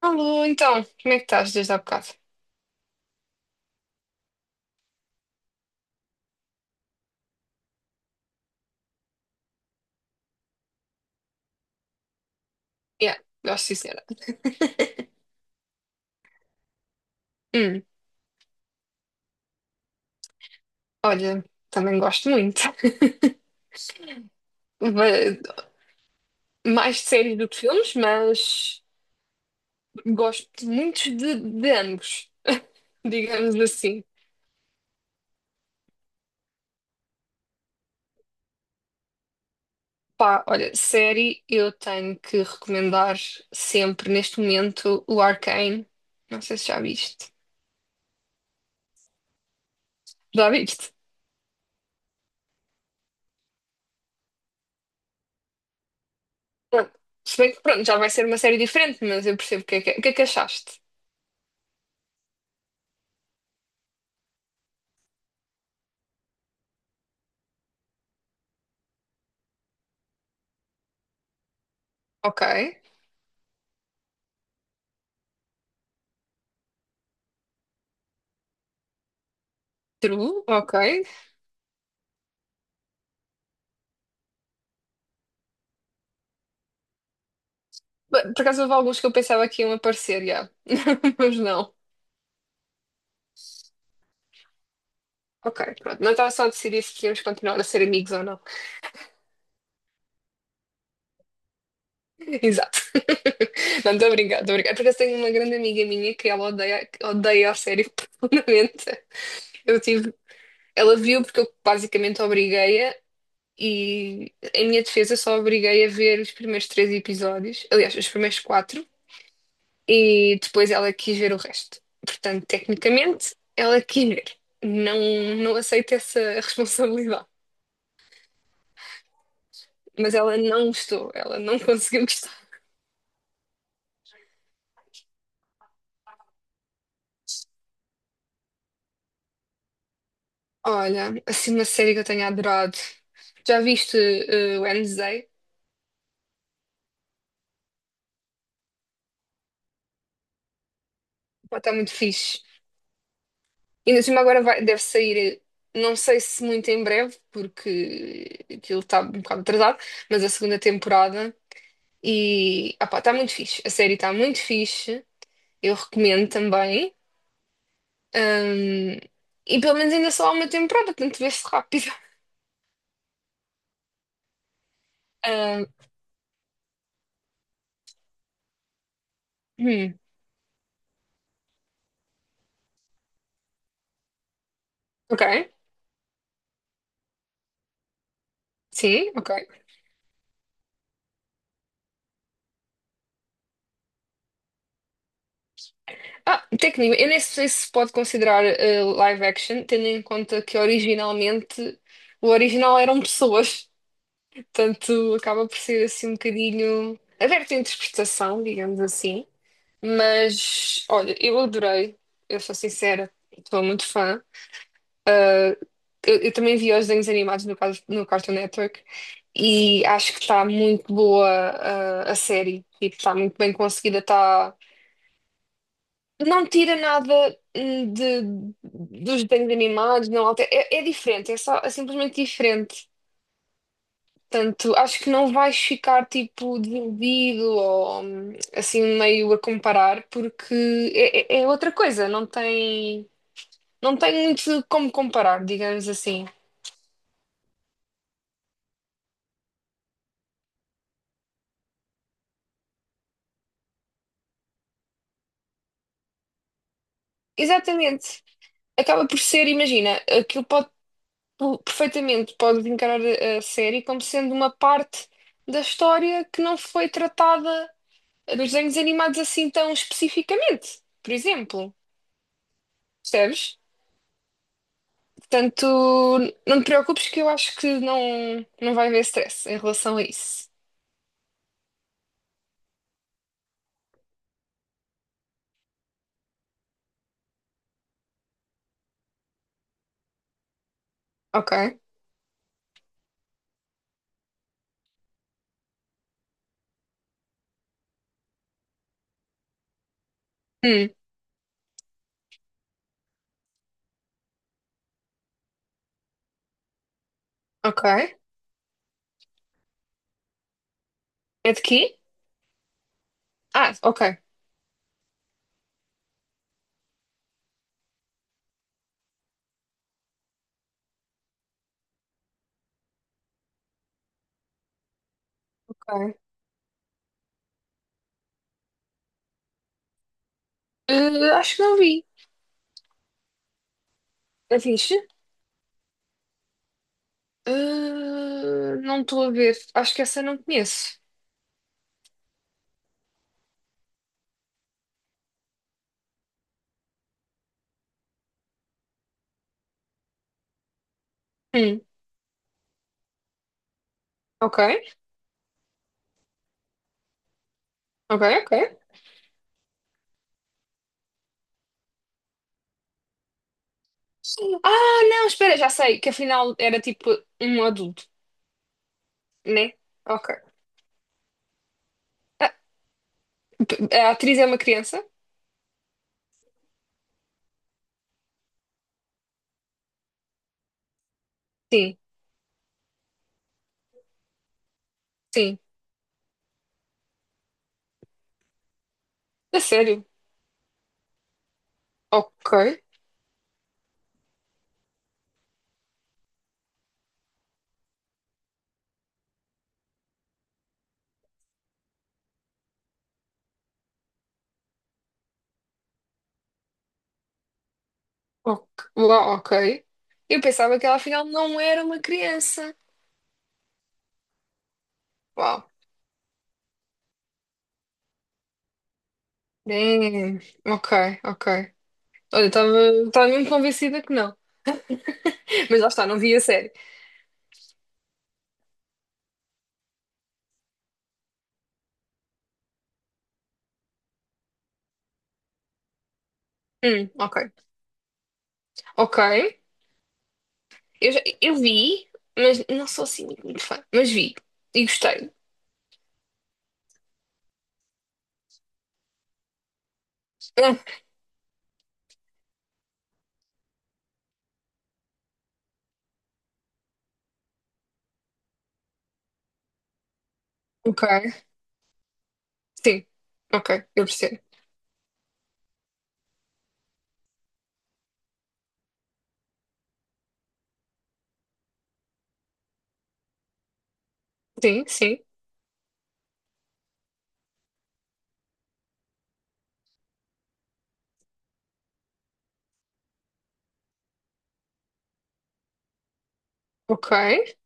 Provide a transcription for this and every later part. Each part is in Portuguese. Alô, então, como é que estás desde há bocado? Yeah, gosto sim, senhora. Hum, Olha, também gosto muito. Va- Mais de séries do que filmes, mas gosto muito de ambos, digamos assim. Pá, olha, série eu tenho que recomendar sempre neste momento o Arcane. Não sei se já viste. Já viste? Pronto. Se bem que pronto, já vai ser uma série diferente, mas eu percebo o que é que, o que é que achaste. Ok, true, ok. Bem, por acaso houve alguns que eu pensava que iam aparecer, já. Mas não. Ok, pronto. Não estava só a decidir se queríamos continuar a ser amigos ou não. Exato. Não, estou a brincar, estou a brincar. Por acaso tenho uma grande amiga minha que ela odeia, odeia a série profundamente. Eu tive... Ela viu porque eu basicamente obriguei-a e, em minha defesa, só obriguei a ver os primeiros 3 episódios. Aliás, os primeiros 4. E depois ela quis ver o resto. Portanto, tecnicamente, ela quis ver. Não, não aceito essa responsabilidade. Mas ela não gostou, ela não conseguiu gostar. Olha, assim uma série que eu tenho adorado. Já viste Wednesday? Pá, está muito fixe. E ainda cima agora deve sair, não sei se muito em breve, porque aquilo está um bocado atrasado, mas a segunda temporada. E pá, está muito fixe. A série está muito fixe. Eu recomendo também. Ahm, e pelo menos ainda só há uma temporada, portanto vê-se rápido. Ahm, hum, ok, sim, ok. Técnico, eu nem sei se pode considerar live action, tendo em conta que originalmente o original eram pessoas, portanto acaba por ser assim um bocadinho aberto à interpretação, digamos assim. Mas olha, eu adorei, eu sou sincera, estou muito fã. Ah, eu, também vi os desenhos animados no, caso, no Cartoon Network e acho que está muito boa, a série. Tipo, está muito bem conseguida. Tá... Não tira nada dos desenhos animados, não altera. É, é diferente, é só é simplesmente diferente. Portanto, acho que não vais ficar tipo desiludido ou assim meio a comparar, porque é, é outra coisa, não tem, não tem muito como comparar, digamos assim. Exatamente. Acaba por ser, imagina, aquilo pode perfeitamente pode encarar a série como sendo uma parte da história que não foi tratada nos desenhos animados assim tão especificamente, por exemplo, percebes? Portanto, não te preocupes que eu acho que não, não vai haver stress em relação a isso. Ok? Hum, ok. É de quê? Ah, ok. Ok. Eh, acho que não vi. É fixe? Eh, não estou a ver. Acho que essa eu não conheço. Hum, ok. Ok, ok. Ah, não, espera, já sei que afinal era tipo um adulto, né? Ok. Ah, p- A atriz é uma criança? Sim, sim. A sério? Ok, ok, uau, ok. Eu pensava que ela afinal não era uma criança. Uau. Damn. Ok, ok. Olha, eu estava mesmo convencida que não. Mas lá está, não vi a série. Ok, ok. Eu, eu vi, mas não sou assim muito fã. Mas vi e gostei. Ah, ok. Sim, ok, eu percebo. Sim, sim, ok.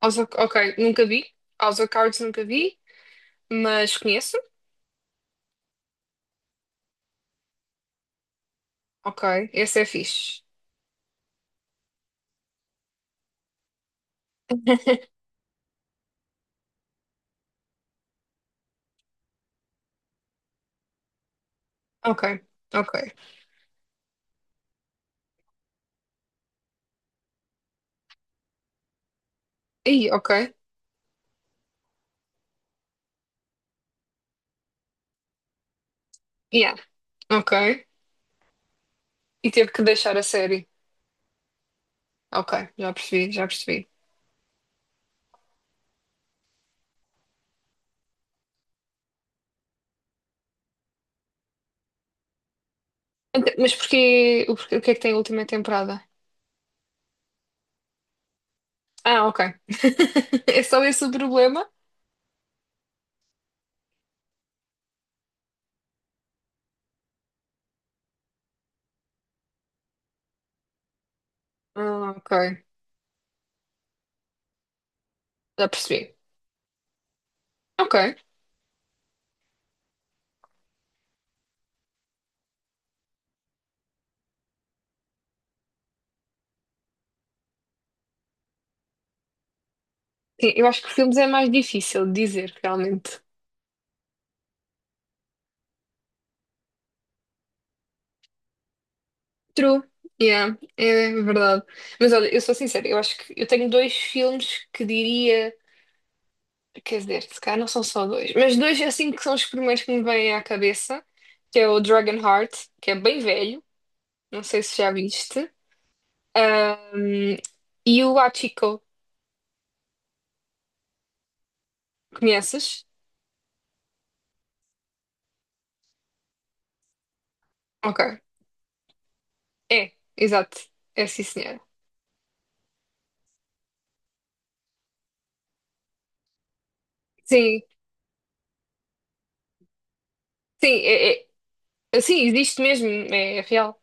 House of- ok, nunca vi. House of Cards nunca vi, mas conheço. Ok, esse é fixe. Ok, ok. Ih, ok. Yeah, ok. E teve que deixar a série. Ok, já percebi, já percebi. Ent- Mas porquê, o, o que é que tem a última temporada? Ah, ok. É só esse o problema? Ah, ok, já percebi. Ok. Sim, eu acho que filmes é mais difícil de dizer, realmente. True, yeah, é verdade. Mas olha, eu sou sincera, eu acho que eu tenho dois filmes que diria, quer dizer, se calhar não são só dois, mas dois assim que são os primeiros que me vêm à cabeça, que é o Dragonheart, que é bem velho, não sei se já viste, ahm, e o Hachiko, conheces? Ok, é, exato, é sim senhora. Sim, sim, é, é, sim, existe mesmo, é real.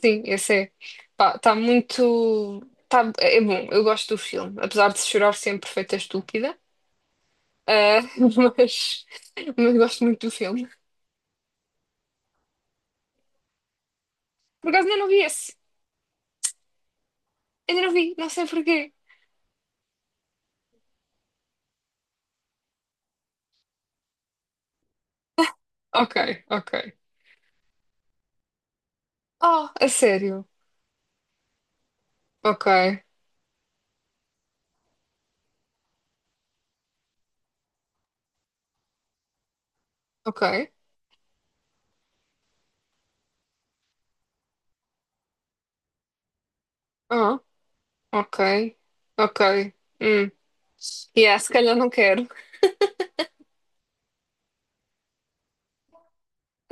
Sim, esse é. Pá, está muito. Tá, é bom, eu gosto do filme. Apesar de chorar sempre feita estúpida. Ah, mas gosto muito do filme. Por acaso ainda não vi esse. Ainda não vi, não sei porquê. Ok, ok. Oh, a sério? Ok, ok. Ah, ok, ok. Hum. Yeah, se calhar não quero.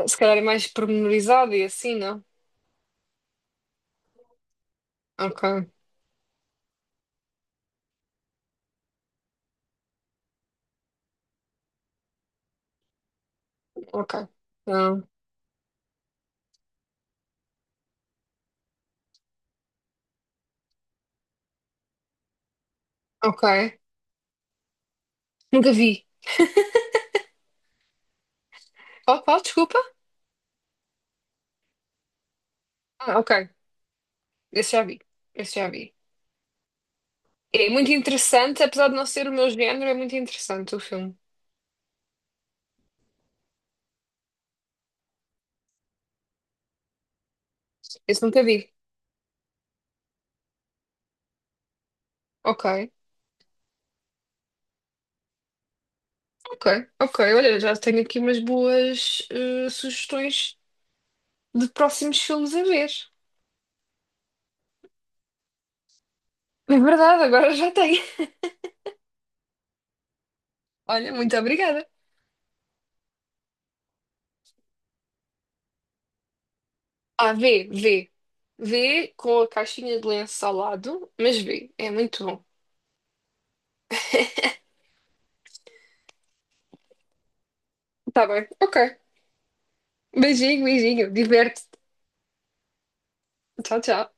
Se calhar é mais pormenorizado e assim, não? Ok, ok. Não. Ok. Nunca vi. Oh, qual? Desculpa? Ah, ok. Esse já vi. Esse já vi. É muito interessante, apesar de não ser o meu género, é muito interessante o filme. Esse nunca vi. Ok, ok, ok. Olha, já tenho aqui umas boas sugestões de próximos filmes a ver. É verdade, agora já tenho. Olha, muito obrigada. Ah, vê, vê. Vê com a caixinha de lenço ao lado, mas vê. É muito bom. Tá bem, ok. Beijinho, beijinho. Diverte-te. Tchau, tchau.